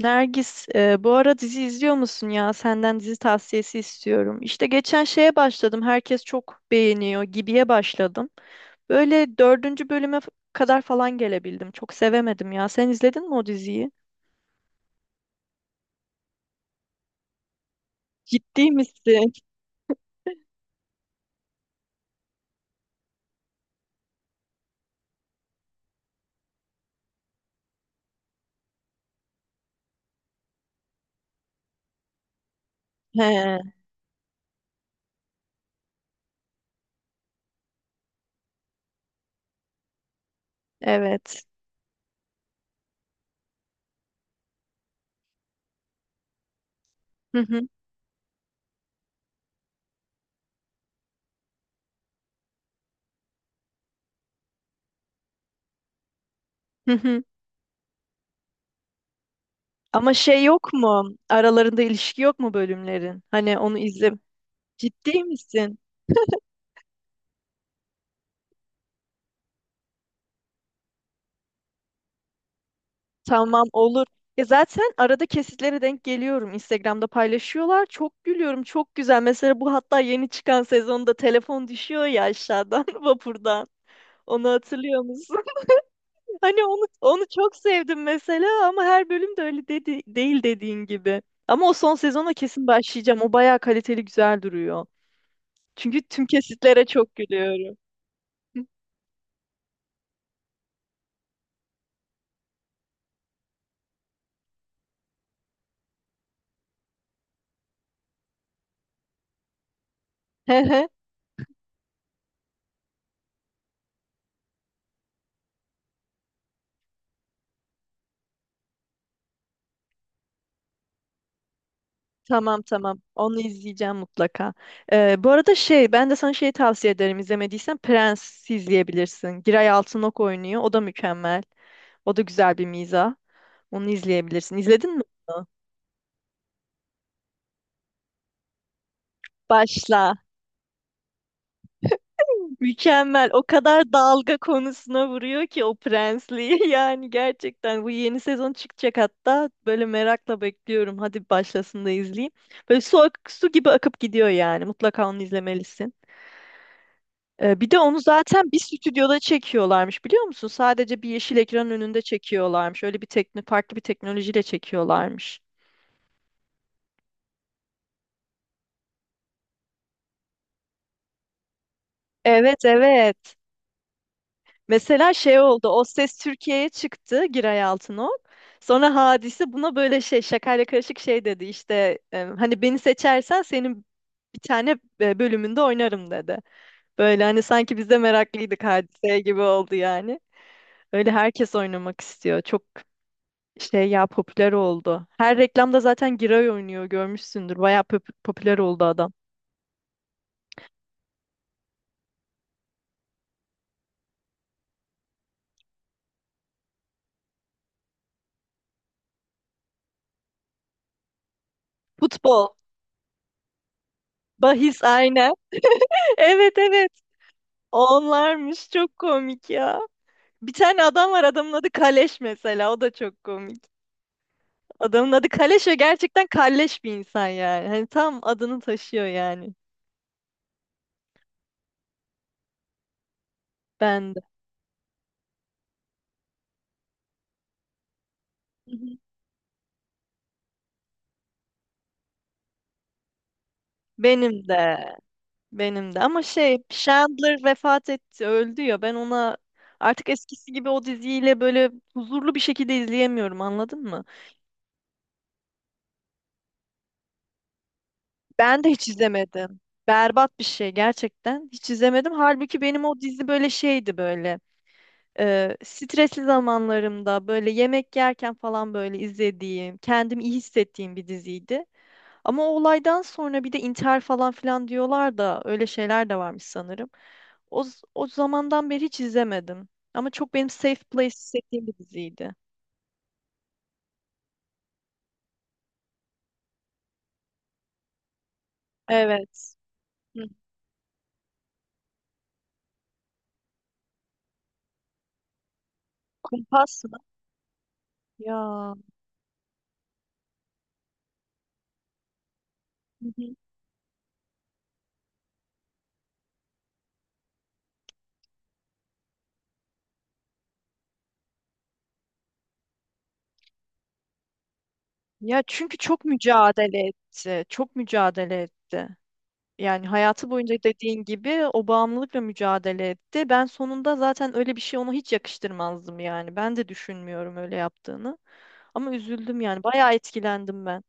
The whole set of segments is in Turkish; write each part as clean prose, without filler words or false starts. Nergis, bu ara dizi izliyor musun ya? Senden dizi tavsiyesi istiyorum. İşte geçen şeye başladım. Herkes çok beğeniyor gibiye başladım. Böyle dördüncü bölüme kadar falan gelebildim. Çok sevemedim ya. Sen izledin mi o diziyi? Ciddi misin? He, evet. Hı hı, hı hı. Ama şey yok mu? Aralarında ilişki yok mu bölümlerin? Hani onu izle. Ciddi misin? Tamam olur. Ya zaten arada kesitlere denk geliyorum. Instagram'da paylaşıyorlar. Çok gülüyorum. Çok güzel. Mesela bu hatta yeni çıkan sezonda telefon düşüyor ya aşağıdan vapurdan. Onu hatırlıyor musun? Hani onu çok sevdim mesela ama her bölüm de öyle dedi, değil dediğin gibi. Ama o son sezona kesin başlayacağım. O bayağı kaliteli güzel duruyor. Çünkü tüm kesitlere çok gülüyorum. Hı. Hı hı. Tamam. Onu izleyeceğim mutlaka. Bu arada şey ben de sana şey tavsiye ederim izlemediysen Prens izleyebilirsin. Giray Altınok oynuyor. O da mükemmel. O da güzel bir mizah. Onu izleyebilirsin. İzledin mi onu? Başla. Mükemmel. O kadar dalga konusuna vuruyor ki o prensliği. Yani gerçekten bu yeni sezon çıkacak hatta. Böyle merakla bekliyorum. Hadi başlasın da izleyeyim. Böyle su gibi akıp gidiyor yani. Mutlaka onu izlemelisin. Bir de onu zaten bir stüdyoda çekiyorlarmış biliyor musun? Sadece bir yeşil ekranın önünde çekiyorlarmış. Öyle bir farklı bir teknolojiyle çekiyorlarmış. Evet evet. Mesela şey oldu. O Ses Türkiye'ye çıktı Giray Altınok. Sonra Hadise buna böyle şey şakayla karışık şey dedi. İşte hani beni seçersen senin bir tane bölümünde oynarım dedi. Böyle hani sanki biz de meraklıydık Hadise'ye gibi oldu yani. Öyle herkes oynamak istiyor. Çok şey ya popüler oldu. Her reklamda zaten Giray oynuyor görmüşsündür. Bayağı popüler oldu adam. Futbol, bahis aynen. Evet evet. Onlarmış çok komik ya. Bir tane adam var adamın adı Kaleş mesela o da çok komik. Adamın adı Kaleş ve gerçekten kalleş bir insan yani. Hani tam adını taşıyor yani. Ben de. Hı hı. Benim de. Benim de. Ama şey Chandler vefat etti öldü ya ben ona artık eskisi gibi o diziyle böyle huzurlu bir şekilde izleyemiyorum anladın mı? Ben de hiç izlemedim. Berbat bir şey gerçekten. Hiç izlemedim. Halbuki benim o dizi böyle şeydi böyle. Stresli zamanlarımda böyle yemek yerken falan böyle izlediğim, kendimi iyi hissettiğim bir diziydi. Ama o olaydan sonra bir de intihar falan filan diyorlar da öyle şeyler de varmış sanırım. O zamandan beri hiç izlemedim. Ama çok benim safe place hissettiğim bir diziydi. Evet. Hı. Kumpas mı? Ya. Hı hı. Ya çünkü çok mücadele etti. Çok mücadele etti. Yani hayatı boyunca dediğin gibi o bağımlılıkla mücadele etti. Ben sonunda zaten öyle bir şey ona hiç yakıştırmazdım yani. Ben de düşünmüyorum öyle yaptığını. Ama üzüldüm yani. Bayağı etkilendim ben.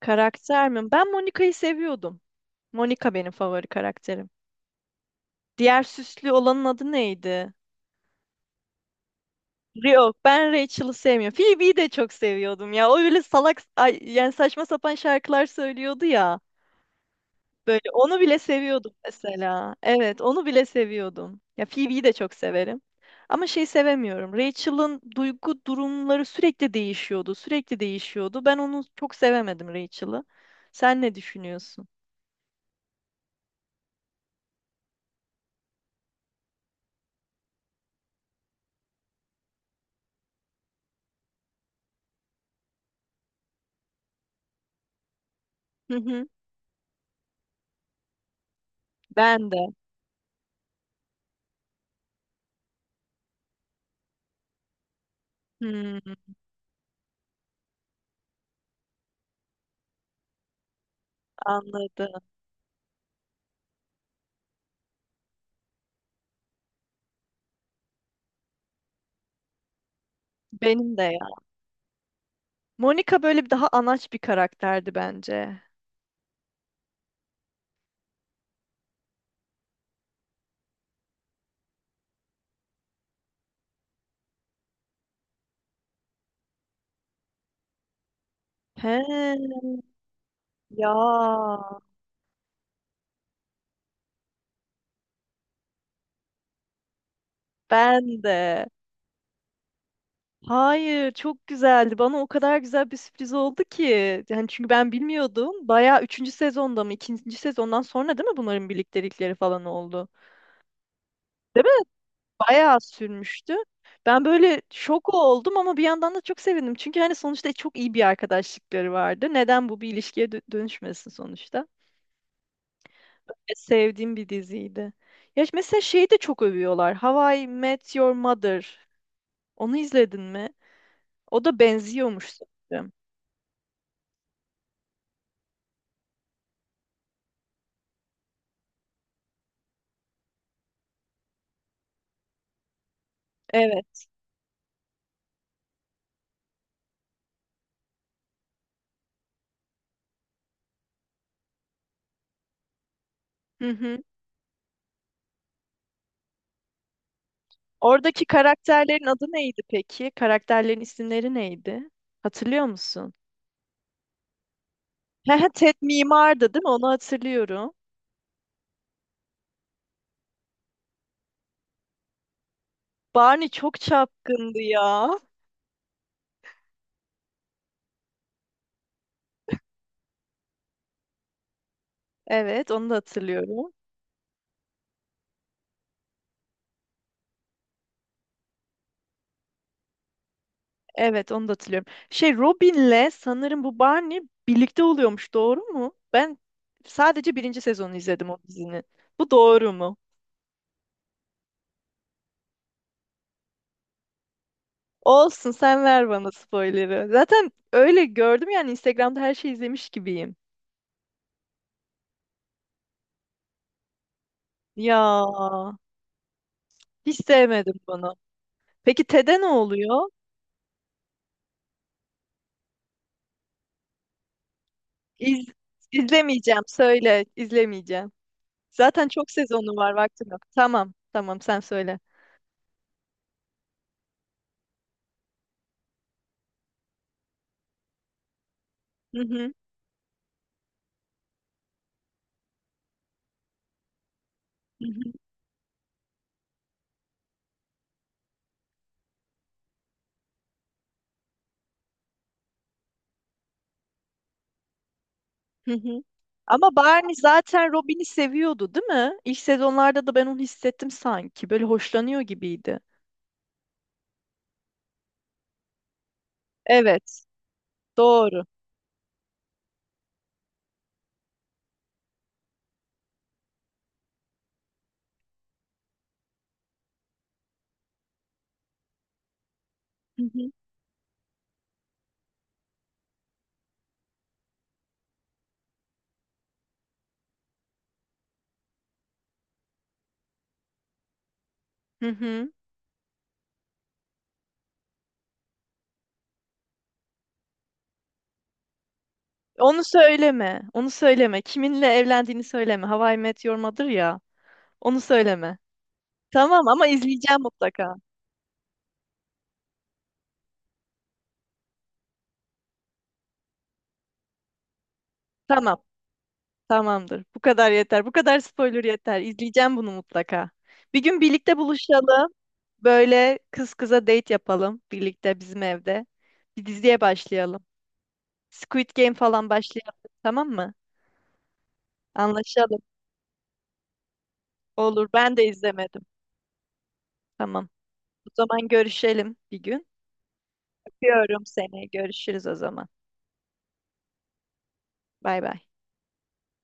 Karakter mi? Ben Monica'yı seviyordum. Monica benim favori karakterim. Diğer süslü olanın adı neydi? Rio. Ben Rachel'ı sevmiyorum. Phoebe'yi de çok seviyordum ya. O öyle salak, ay, yani saçma sapan şarkılar söylüyordu ya. Böyle onu bile seviyordum mesela. Evet, onu bile seviyordum. Ya Phoebe'yi de çok severim. Ama şey sevemiyorum. Rachel'ın duygu durumları sürekli değişiyordu. Ben onu çok sevemedim Rachel'ı. Sen ne düşünüyorsun? Hı hı. Ben de. Hmm, anladım. Benim de ya. Monica böyle bir daha anaç bir karakterdi bence. He. Ya ben de. Hayır, çok güzeldi. Bana o kadar güzel bir sürpriz oldu ki. Yani çünkü ben bilmiyordum. Bayağı üçüncü sezonda mı, ikinci sezondan sonra değil mi bunların birliktelikleri falan oldu? Değil mi? Bayağı sürmüştü. Ben böyle şok oldum ama bir yandan da çok sevindim. Çünkü hani sonuçta çok iyi bir arkadaşlıkları vardı. Neden bu bir ilişkiye dönüşmesin sonuçta? Sevdiğim bir diziydi. Ya mesela şeyi de çok övüyorlar. How I Met Your Mother. Onu izledin mi? O da benziyormuş sanırım. Evet. Hı hı. Oradaki karakterlerin adı neydi peki? Karakterlerin isimleri neydi? Hatırlıyor musun? He Ted mimardı değil mi? Onu hatırlıyorum. Barney çok çapkındı ya. Evet, onu da hatırlıyorum. Evet, onu da hatırlıyorum. Şey Robin'le sanırım bu Barney birlikte oluyormuş, doğru mu? Ben sadece birinci sezonu izledim o dizinin. Bu doğru mu? Olsun, sen ver bana spoiler'ı. Zaten öyle gördüm yani Instagram'da her şeyi izlemiş gibiyim. Ya hiç sevmedim bunu. Peki TED'e ne oluyor? İz, izlemeyeceğim. Söyle, izlemeyeceğim. Zaten çok sezonu var, vaktim yok. Tamam, tamam sen söyle. Hı hı, hı hı, hı hı. Ama Barney zaten Robin'i seviyordu, değil mi? İlk sezonlarda da ben onu hissettim sanki. Böyle hoşlanıyor gibiydi. Evet, doğru. Hı hı. Hı hı. Onu söyleme, onu söyleme. Kiminle evlendiğini söyleme. How I Met Your Mother ya. Onu söyleme. Tamam ama izleyeceğim mutlaka. Tamam. Tamamdır. Bu kadar yeter. Bu kadar spoiler yeter. İzleyeceğim bunu mutlaka. Bir gün birlikte buluşalım. Böyle kız kıza date yapalım birlikte bizim evde. Bir diziye başlayalım. Squid Game falan başlayalım. Tamam mı? Anlaşalım. Olur. Ben de izlemedim. Tamam. O zaman görüşelim bir gün. Öpüyorum seni. Görüşürüz o zaman. Bay bay.